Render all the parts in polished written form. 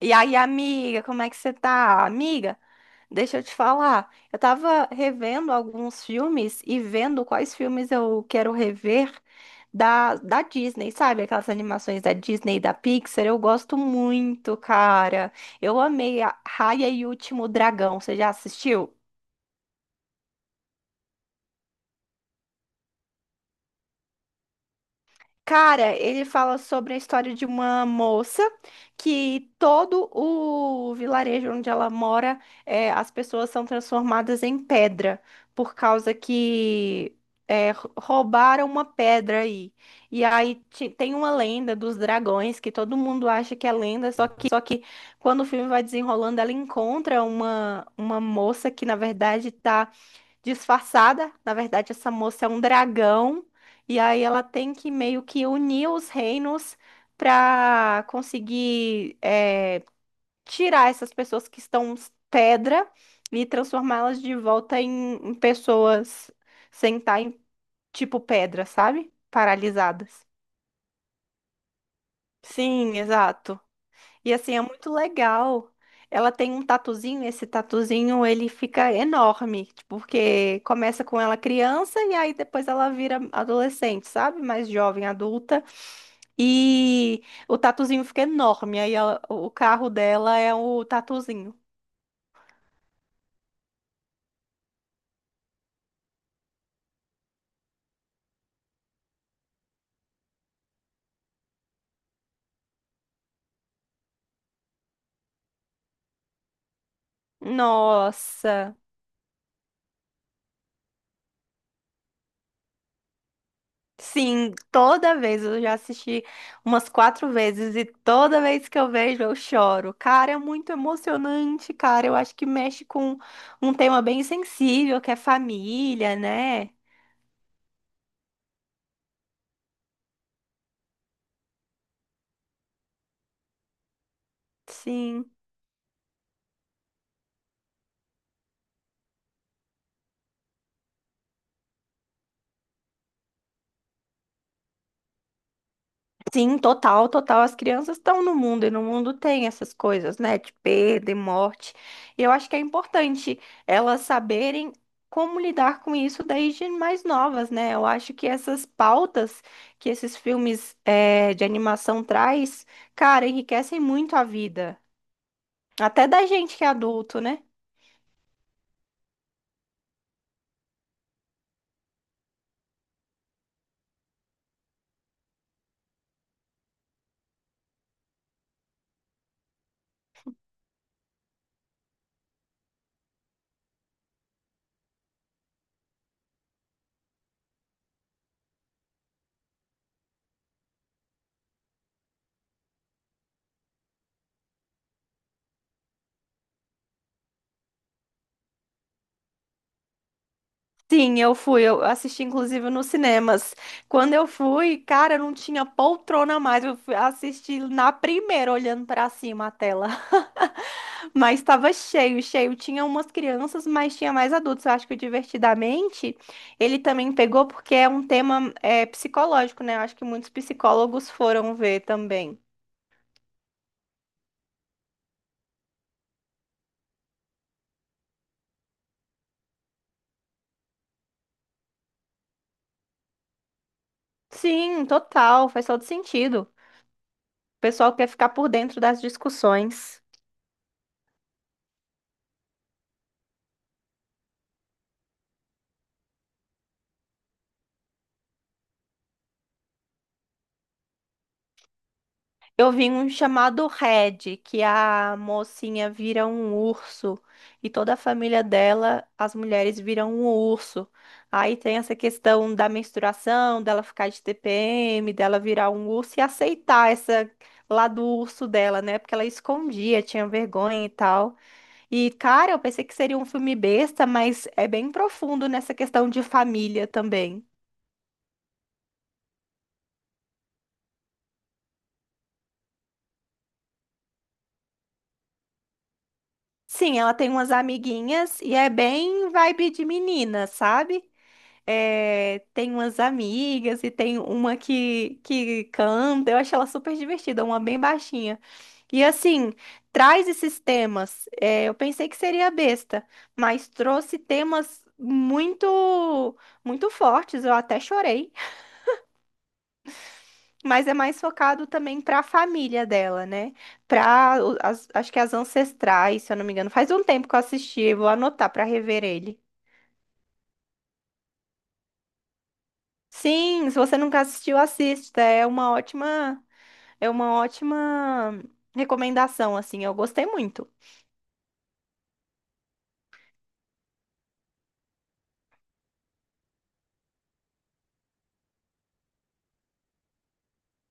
E aí, amiga, como é que você tá? Amiga, deixa eu te falar. Eu tava revendo alguns filmes e vendo quais filmes eu quero rever da Disney, sabe? Aquelas animações da Disney e da Pixar. Eu gosto muito, cara. Eu amei a Raia e o Último Dragão. Você já assistiu? Cara, ele fala sobre a história de uma moça que todo o vilarejo onde ela mora, as pessoas são transformadas em pedra por causa que roubaram uma pedra aí. E aí tem uma lenda dos dragões que todo mundo acha que é lenda, só que quando o filme vai desenrolando, ela encontra uma moça que na verdade tá disfarçada. Na verdade, essa moça é um dragão e aí ela tem que meio que unir os reinos para conseguir tirar essas pessoas que estão pedra e transformá-las de volta em pessoas sem estar em tipo pedra, sabe? Paralisadas. Sim, exato. E assim, é muito legal. Ela tem um tatuzinho, esse tatuzinho ele fica enorme, tipo, porque começa com ela criança e aí depois ela vira adolescente, sabe? Mais jovem, adulta. E o tatuzinho fica enorme, aí ela- o carro dela é o tatuzinho. Nossa! Sim, toda vez eu já assisti umas quatro vezes e toda vez que eu vejo eu choro. Cara, é muito emocionante, cara. Eu acho que mexe com um tema bem sensível, que é família, né? Sim. Sim, total, total. As crianças estão no mundo e no mundo tem essas coisas, né? De perda e morte. E eu acho que é importante elas saberem como lidar com isso desde mais novas, né? Eu acho que essas pautas que esses filmes de animação traz, cara, enriquecem muito a vida. Até da gente que é adulto, né? Sim, eu fui, eu assisti inclusive nos cinemas. Quando eu fui, cara, não tinha poltrona mais. Eu fui assistir na primeira, olhando pra cima a tela. Mas estava cheio, cheio. Tinha umas crianças, mas tinha mais adultos. Eu acho que o Divertidamente ele também pegou porque é um tema psicológico, né? Eu acho que muitos psicólogos foram ver também. Sim, total, faz todo sentido. O pessoal quer ficar por dentro das discussões. Eu vi um chamado Red, que a mocinha vira um urso e toda a família dela, as mulheres viram um urso. Aí tem essa questão da menstruação, dela ficar de TPM, dela virar um urso e aceitar essa lá do urso dela, né? Porque ela escondia, tinha vergonha e tal. E, cara, eu pensei que seria um filme besta, mas é bem profundo nessa questão de família também. Sim, ela tem umas amiguinhas e é bem vibe de menina, sabe? É, tem umas amigas e tem uma que canta. Eu acho ela super divertida, uma bem baixinha. E assim, traz esses temas. É, eu pensei que seria besta, mas trouxe temas muito fortes. Eu até chorei, mas é mais focado também para a família dela, né? Para acho que as ancestrais, se eu não me engano. Faz um tempo que eu assisti, eu vou anotar para rever ele. Sim, se você nunca assistiu, assista. É uma ótima. É uma ótima recomendação, assim. Eu gostei muito.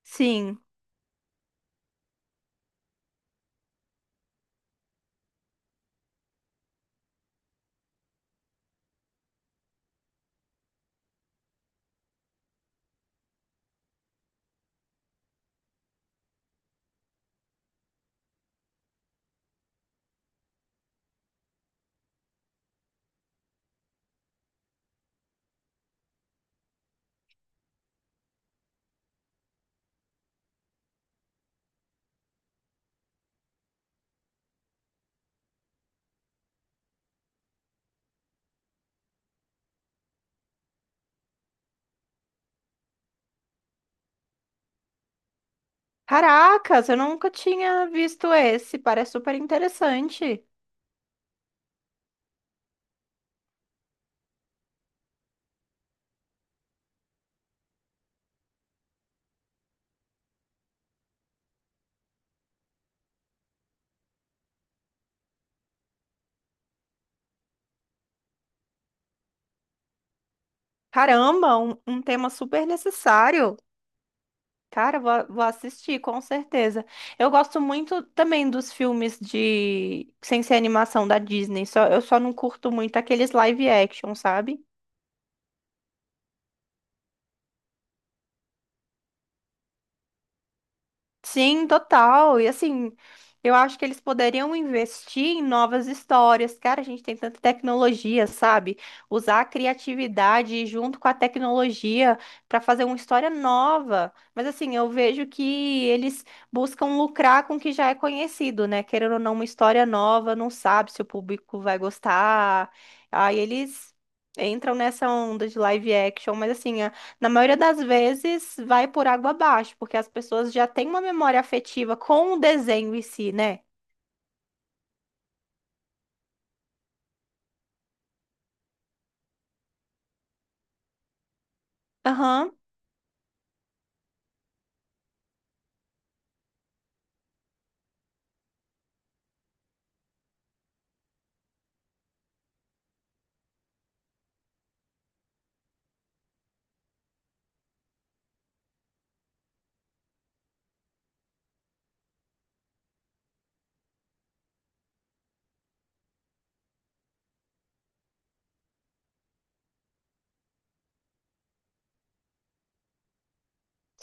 Sim. Caracas, eu nunca tinha visto esse. Parece super interessante. Caramba, um tema super necessário. Cara, vou assistir, com certeza. Eu gosto muito também dos filmes de sem ser animação da Disney. Só, eu só não curto muito aqueles live action, sabe? Sim, total. E assim, eu acho que eles poderiam investir em novas histórias. Cara, a gente tem tanta tecnologia, sabe? Usar a criatividade junto com a tecnologia para fazer uma história nova. Mas assim, eu vejo que eles buscam lucrar com o que já é conhecido, né? Querendo ou não, uma história nova, não sabe se o público vai gostar. Aí eles entram nessa onda de live action, mas assim, na maioria das vezes, vai por água abaixo, porque as pessoas já têm uma memória afetiva com o desenho em si, né? Aham.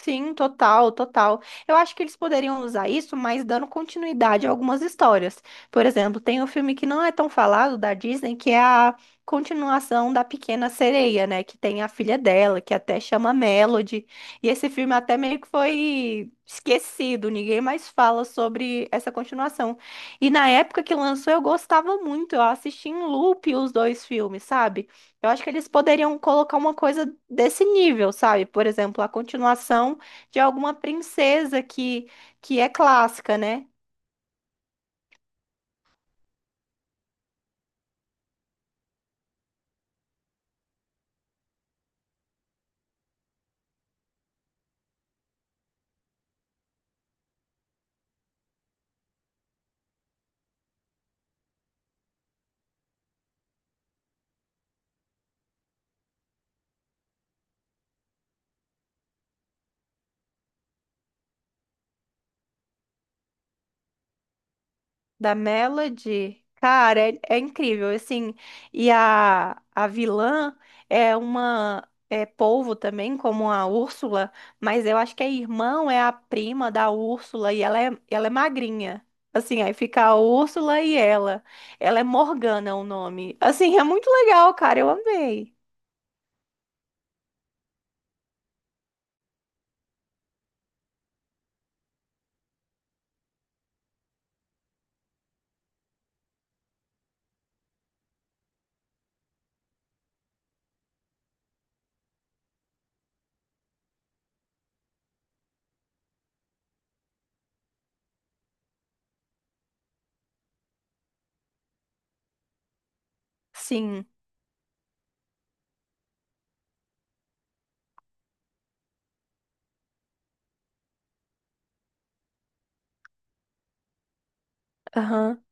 Sim, total, total. Eu acho que eles poderiam usar isso, mas dando continuidade a algumas histórias. Por exemplo, tem um filme que não é tão falado da Disney, que é a continuação da Pequena Sereia, né? Que tem a filha dela, que até chama Melody. E esse filme até meio que foi esquecido, ninguém mais fala sobre essa continuação. E na época que lançou, eu gostava muito, eu assisti em loop os dois filmes, sabe? Eu acho que eles poderiam colocar uma coisa desse nível, sabe? Por exemplo, a continuação de alguma princesa que é clássica, né? Da Melody. Cara, é incrível, assim. E a vilã é uma é polvo também, como a Úrsula, mas eu acho que a irmã é a prima da Úrsula e ela é magrinha. Assim, aí fica a Úrsula e ela. Ela é Morgana o nome. Assim, é muito legal, cara, eu amei. Sim. Aham.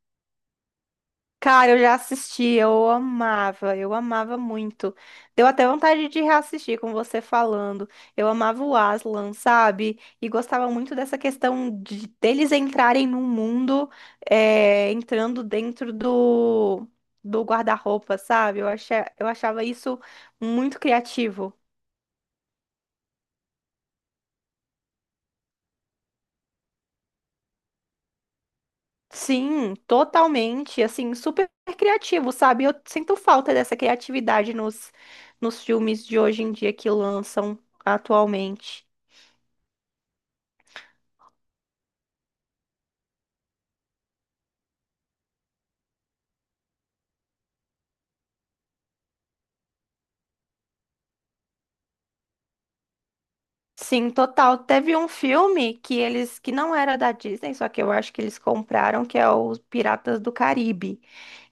Cara, eu já assisti, eu amava muito. Deu até vontade de reassistir com você falando. Eu amava o Aslan, sabe? E gostava muito dessa questão de deles entrarem num mundo, entrando dentro do, do guarda-roupa, sabe? Eu achava isso muito criativo. Sim, totalmente, assim, super criativo, sabe? Eu sinto falta dessa criatividade nos, nos filmes de hoje em dia que lançam atualmente. Sim, total. Teve um filme que eles, que não era da Disney, só que eu acho que eles compraram, que é os Piratas do Caribe,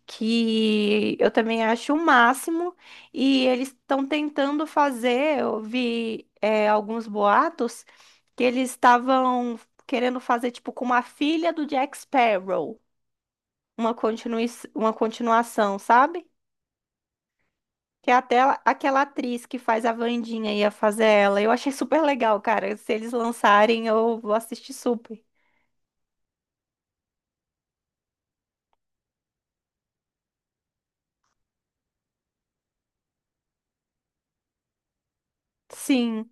que eu também acho o máximo, e eles estão tentando fazer, eu vi alguns boatos que eles estavam querendo fazer tipo com uma filha do Jack Sparrow, uma continui uma continuação, sabe? Que é até aquela atriz que faz a Wandinha ia fazer ela. Eu achei super legal, cara. Se eles lançarem, eu vou assistir super. Sim.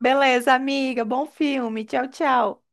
Beleza, amiga. Bom filme. Tchau, tchau.